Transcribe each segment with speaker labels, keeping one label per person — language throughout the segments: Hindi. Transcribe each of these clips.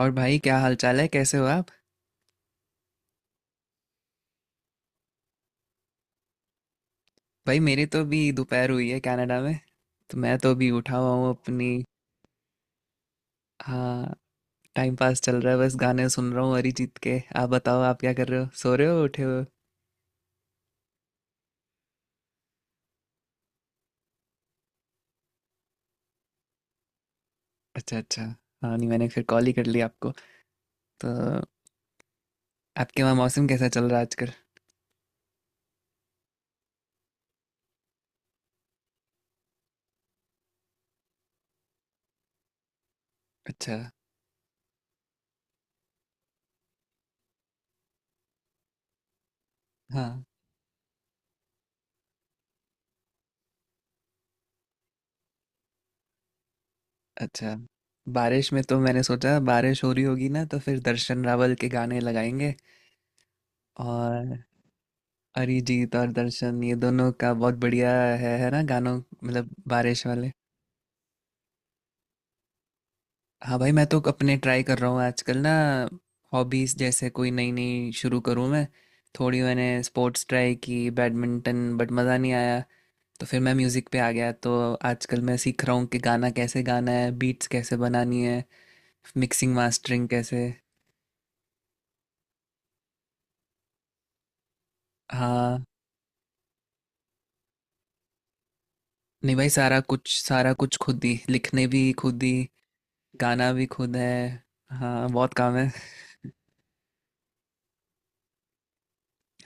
Speaker 1: और भाई क्या हाल चाल है, कैसे हो आप। भाई मेरी तो अभी दोपहर हुई है कनाडा में। तो मैं तो अभी उठा हुआ हूँ अपनी। हाँ, टाइम पास चल रहा है, बस गाने सुन रहा हूँ अरिजीत के। आप बताओ, आप क्या कर रहे हो, सो रहे हो, उठे हो? अच्छा अच्छा। हाँ नहीं, मैंने फिर कॉल ही कर लिया आपको तो। आपके वहाँ मौसम कैसा चल रहा है आजकल? अच्छा। हाँ। अच्छा। बारिश में तो मैंने सोचा बारिश हो रही होगी ना, तो फिर दर्शन रावल के गाने लगाएंगे। और अरिजीत और दर्शन, ये दोनों का बहुत बढ़िया है ना गानों। मतलब बारिश वाले। हाँ भाई, मैं तो अपने ट्राई कर रहा हूँ आजकल ना, हॉबीज जैसे कोई नई नई शुरू करूँ मैं। थोड़ी मैंने स्पोर्ट्स ट्राई की बैडमिंटन, बट मज़ा नहीं आया। तो फिर मैं म्यूज़िक पे आ गया तो। आजकल मैं सीख रहा हूँ कि गाना कैसे गाना है, बीट्स कैसे बनानी है, मिक्सिंग मास्टरिंग कैसे। हाँ नहीं भाई, सारा कुछ खुद ही, लिखने भी खुद ही, गाना भी खुद है। हाँ, बहुत काम है।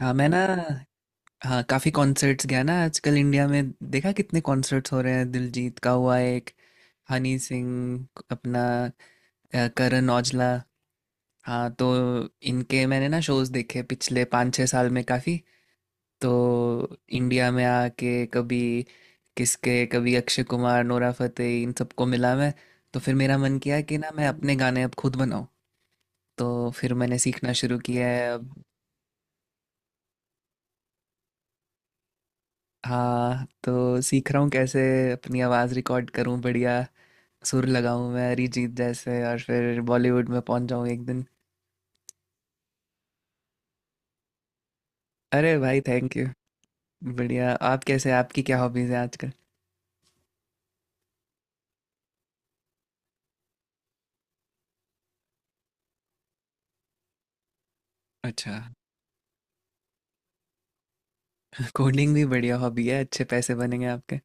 Speaker 1: हाँ मैं ना, हाँ काफ़ी कॉन्सर्ट्स गया ना आजकल। इंडिया में देखा कितने कॉन्सर्ट्स हो रहे हैं, दिलजीत का हुआ एक, हनी सिंह अपना, करण औजला। हाँ तो इनके मैंने ना शोज देखे पिछले 5-6 साल में काफ़ी। तो इंडिया में आके कभी, किसके कभी, अक्षय कुमार, नोरा फतेही, इन सबको मिला मैं। तो फिर मेरा मन किया कि ना मैं अपने गाने अब खुद बनाऊं। तो फिर मैंने सीखना शुरू किया है। हाँ तो सीख रहा हूँ कैसे अपनी आवाज़ रिकॉर्ड करूँ बढ़िया, सुर लगाऊँ मैं अरिजीत जैसे, और फिर बॉलीवुड में पहुँच जाऊँ एक दिन। अरे भाई, थैंक यू। बढ़िया। आप कैसे, आपकी क्या हॉबीज़ है आजकल? अच्छा। कोडिंग भी बढ़िया हॉबी है, अच्छे पैसे बनेंगे आपके।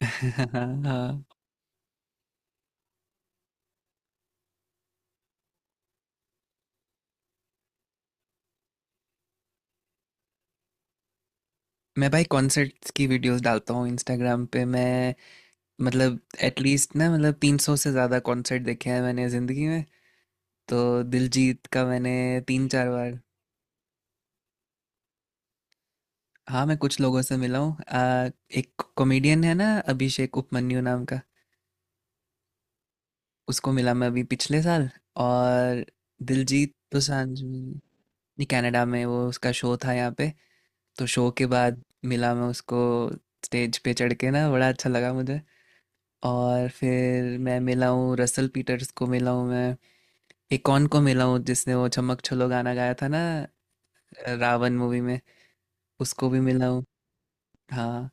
Speaker 1: हाँ। मैं भाई कॉन्सर्ट्स की वीडियोस डालता हूँ इंस्टाग्राम पे मैं। मतलब एटलीस्ट ना, मतलब 300 से ज़्यादा कॉन्सर्ट देखे हैं मैंने ज़िंदगी में। तो दिलजीत का मैंने 3-4 बार। हाँ मैं कुछ लोगों से मिला हूँ। एक कॉमेडियन है ना अभिषेक उपमन्यु नाम का, उसको मिला मैं अभी पिछले साल। और दिलजीत दोसांझ भी-। नहीं, कनाडा में, वो उसका शो था यहाँ पे, तो शो के बाद मिला मैं उसको। स्टेज पे चढ़ के ना, बड़ा अच्छा लगा मुझे। और फिर मैं मिला हूँ रसल पीटर्स को, मिला हूँ मैं। एक कौन को मिला हूँ जिसने वो चमक छल्लो गाना गाया था ना, रावण मूवी में, उसको भी मिला हूँ। हाँ,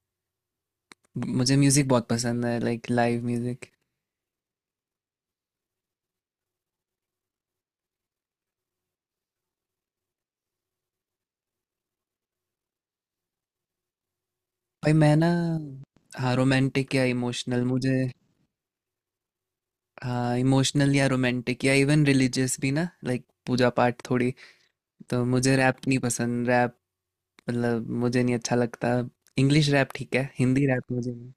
Speaker 1: मुझे म्यूजिक बहुत पसंद है, लाइक लाइव म्यूजिक। भाई मैं ना, हाँ रोमांटिक या इमोशनल मुझे। हाँ इमोशनल या रोमांटिक या इवन रिलीजियस भी ना, लाइक पूजा पाठ थोड़ी। तो मुझे रैप नहीं पसंद, रैप, मतलब मुझे नहीं अच्छा लगता। इंग्लिश रैप ठीक है, हिंदी रैप मुझे नहीं।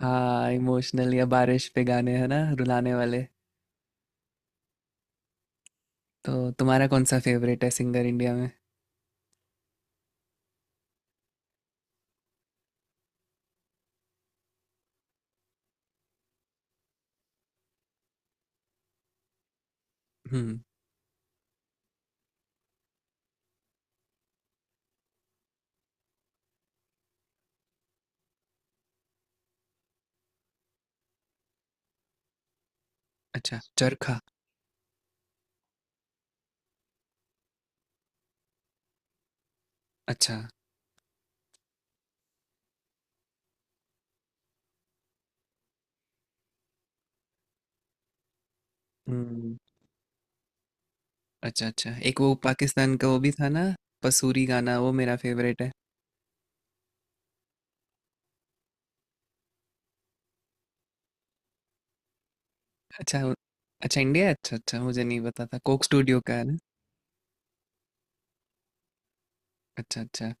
Speaker 1: हाँ, इमोशनल या बारिश पे गाने है ना, रुलाने वाले। तो तुम्हारा कौन सा फेवरेट है सिंगर इंडिया में? हम्म। अच्छा, चरखा। अच्छा। हम्म। अच्छा अच्छा, एक वो पाकिस्तान का वो भी था ना, पसूरी गाना, वो मेरा फेवरेट है। अच्छा वो-। अच्छा, इंडिया है? अच्छा अच्छा, मुझे नहीं पता था, कोक स्टूडियो का है ना। अच्छा अच्छा।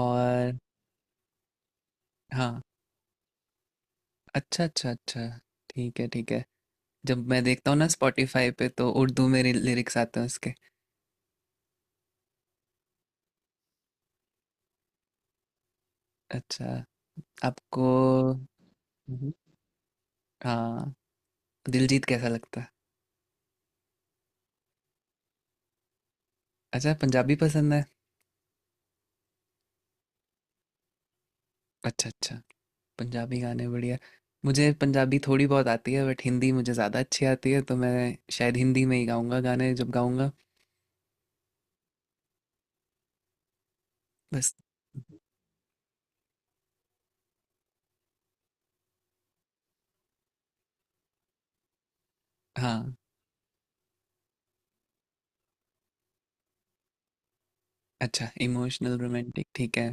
Speaker 1: और। हाँ। अच्छा अच्छा अच्छा, ठीक है ठीक है। जब मैं देखता हूँ ना स्पॉटिफाई पे, तो उर्दू में लिरिक्स आते हैं उसके। अच्छा। आपको। हम्म। हाँ, दिलजीत कैसा लगता है? अच्छा, पंजाबी पसंद है। अच्छा अच्छा, पंजाबी गाने बढ़िया। मुझे पंजाबी थोड़ी बहुत आती है, बट हिंदी मुझे ज़्यादा अच्छी आती है, तो मैं शायद हिंदी में ही गाऊंगा गाने जब गाऊंगा। बस। हाँ। अच्छा, इमोशनल रोमांटिक ठीक है।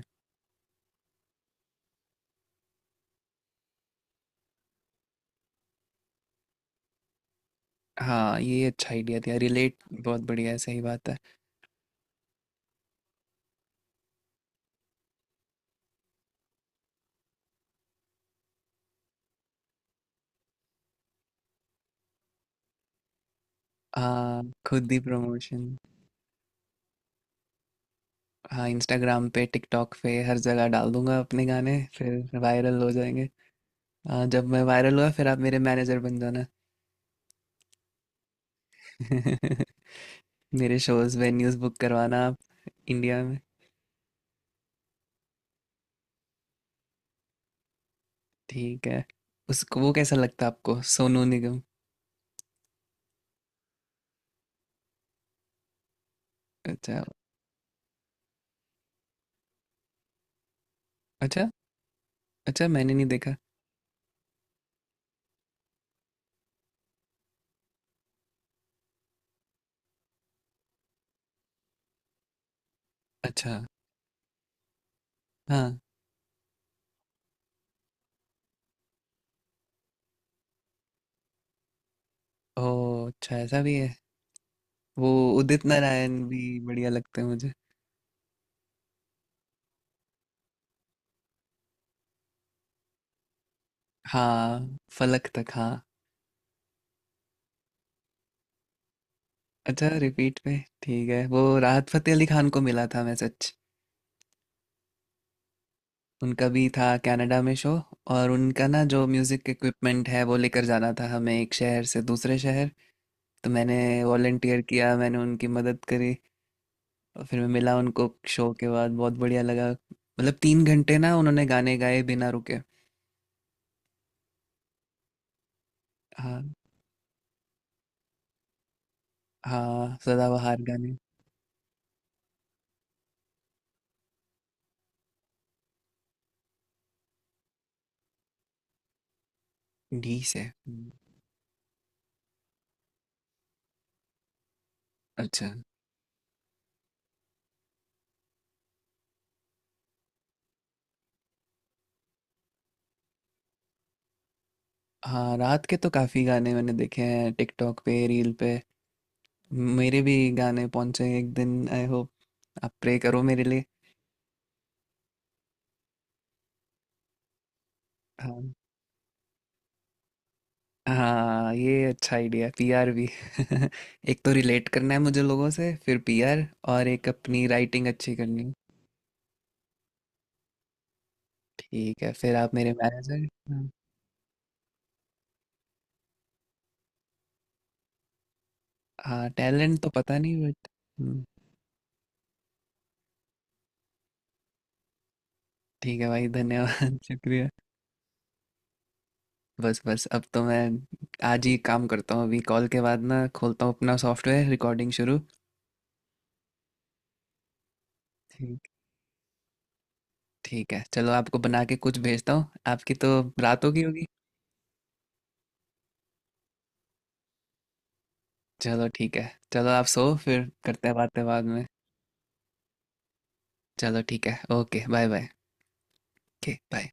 Speaker 1: हाँ ये अच्छा आइडिया दिया, रिलेट, बहुत बढ़िया है, सही बात है। हाँ, खुद ही प्रमोशन। हाँ, इंस्टाग्राम पे tiktok पे हर जगह डाल दूंगा अपने गाने, फिर वायरल हो जाएंगे। हाँ, जब मैं वायरल हुआ फिर आप मेरे मैनेजर बन जाना। मेरे शोज, वेन्यूज बुक करवाना आप, इंडिया में। ठीक है। उसको, वो कैसा लगता है आपको सोनू निगम? अच्छा। अच्छा, अच्छा मैंने नहीं देखा। अच्छा। हाँ। ओ अच्छा, ऐसा भी है। वो उदित नारायण भी बढ़िया लगते हैं मुझे। हाँ, फलक तक, हाँ। अच्छा, रिपीट पे, ठीक है। वो राहत फतेह अली खान को मिला था मैसेज, उनका भी था कनाडा में शो। और उनका ना जो म्यूजिक इक्विपमेंट है, वो लेकर जाना था हमें एक शहर से दूसरे शहर। तो मैंने वॉलंटियर किया, मैंने उनकी मदद करी। और फिर मैं मिला उनको शो के बाद, बहुत बढ़िया लगा, मतलब 3 घंटे ना उन्होंने गाने गाए बिना रुके। हाँ। हाँ, सदाबहार गाने। डी से, हम्म। अच्छा। हाँ, रात के तो काफ़ी गाने मैंने देखे हैं टिकटॉक पे, रील पे। मेरे भी गाने पहुंचे एक दिन आई होप, आप प्रे करो मेरे लिए। हाँ। हाँ ये अच्छा आइडिया है, पीआर भी। एक तो रिलेट करना है मुझे लोगों से, फिर पीआर, और एक अपनी राइटिंग अच्छी करनी है। ठीक है, फिर आप मेरे मैनेजर। हाँ। हाँ टैलेंट तो पता नहीं बट। हम्म। ठीक है भाई, धन्यवाद। शुक्रिया। बस बस, अब तो मैं आज ही काम करता हूँ, अभी कॉल के बाद ना खोलता हूँ अपना सॉफ्टवेयर, रिकॉर्डिंग शुरू। ठीक। ठीक है, चलो आपको बना के कुछ भेजता हूँ, आपकी तो रात होगी होगी। चलो ठीक है, चलो आप सो, फिर करते हैं बातें बाद में। चलो ठीक है, okay bye bye. Okay bye.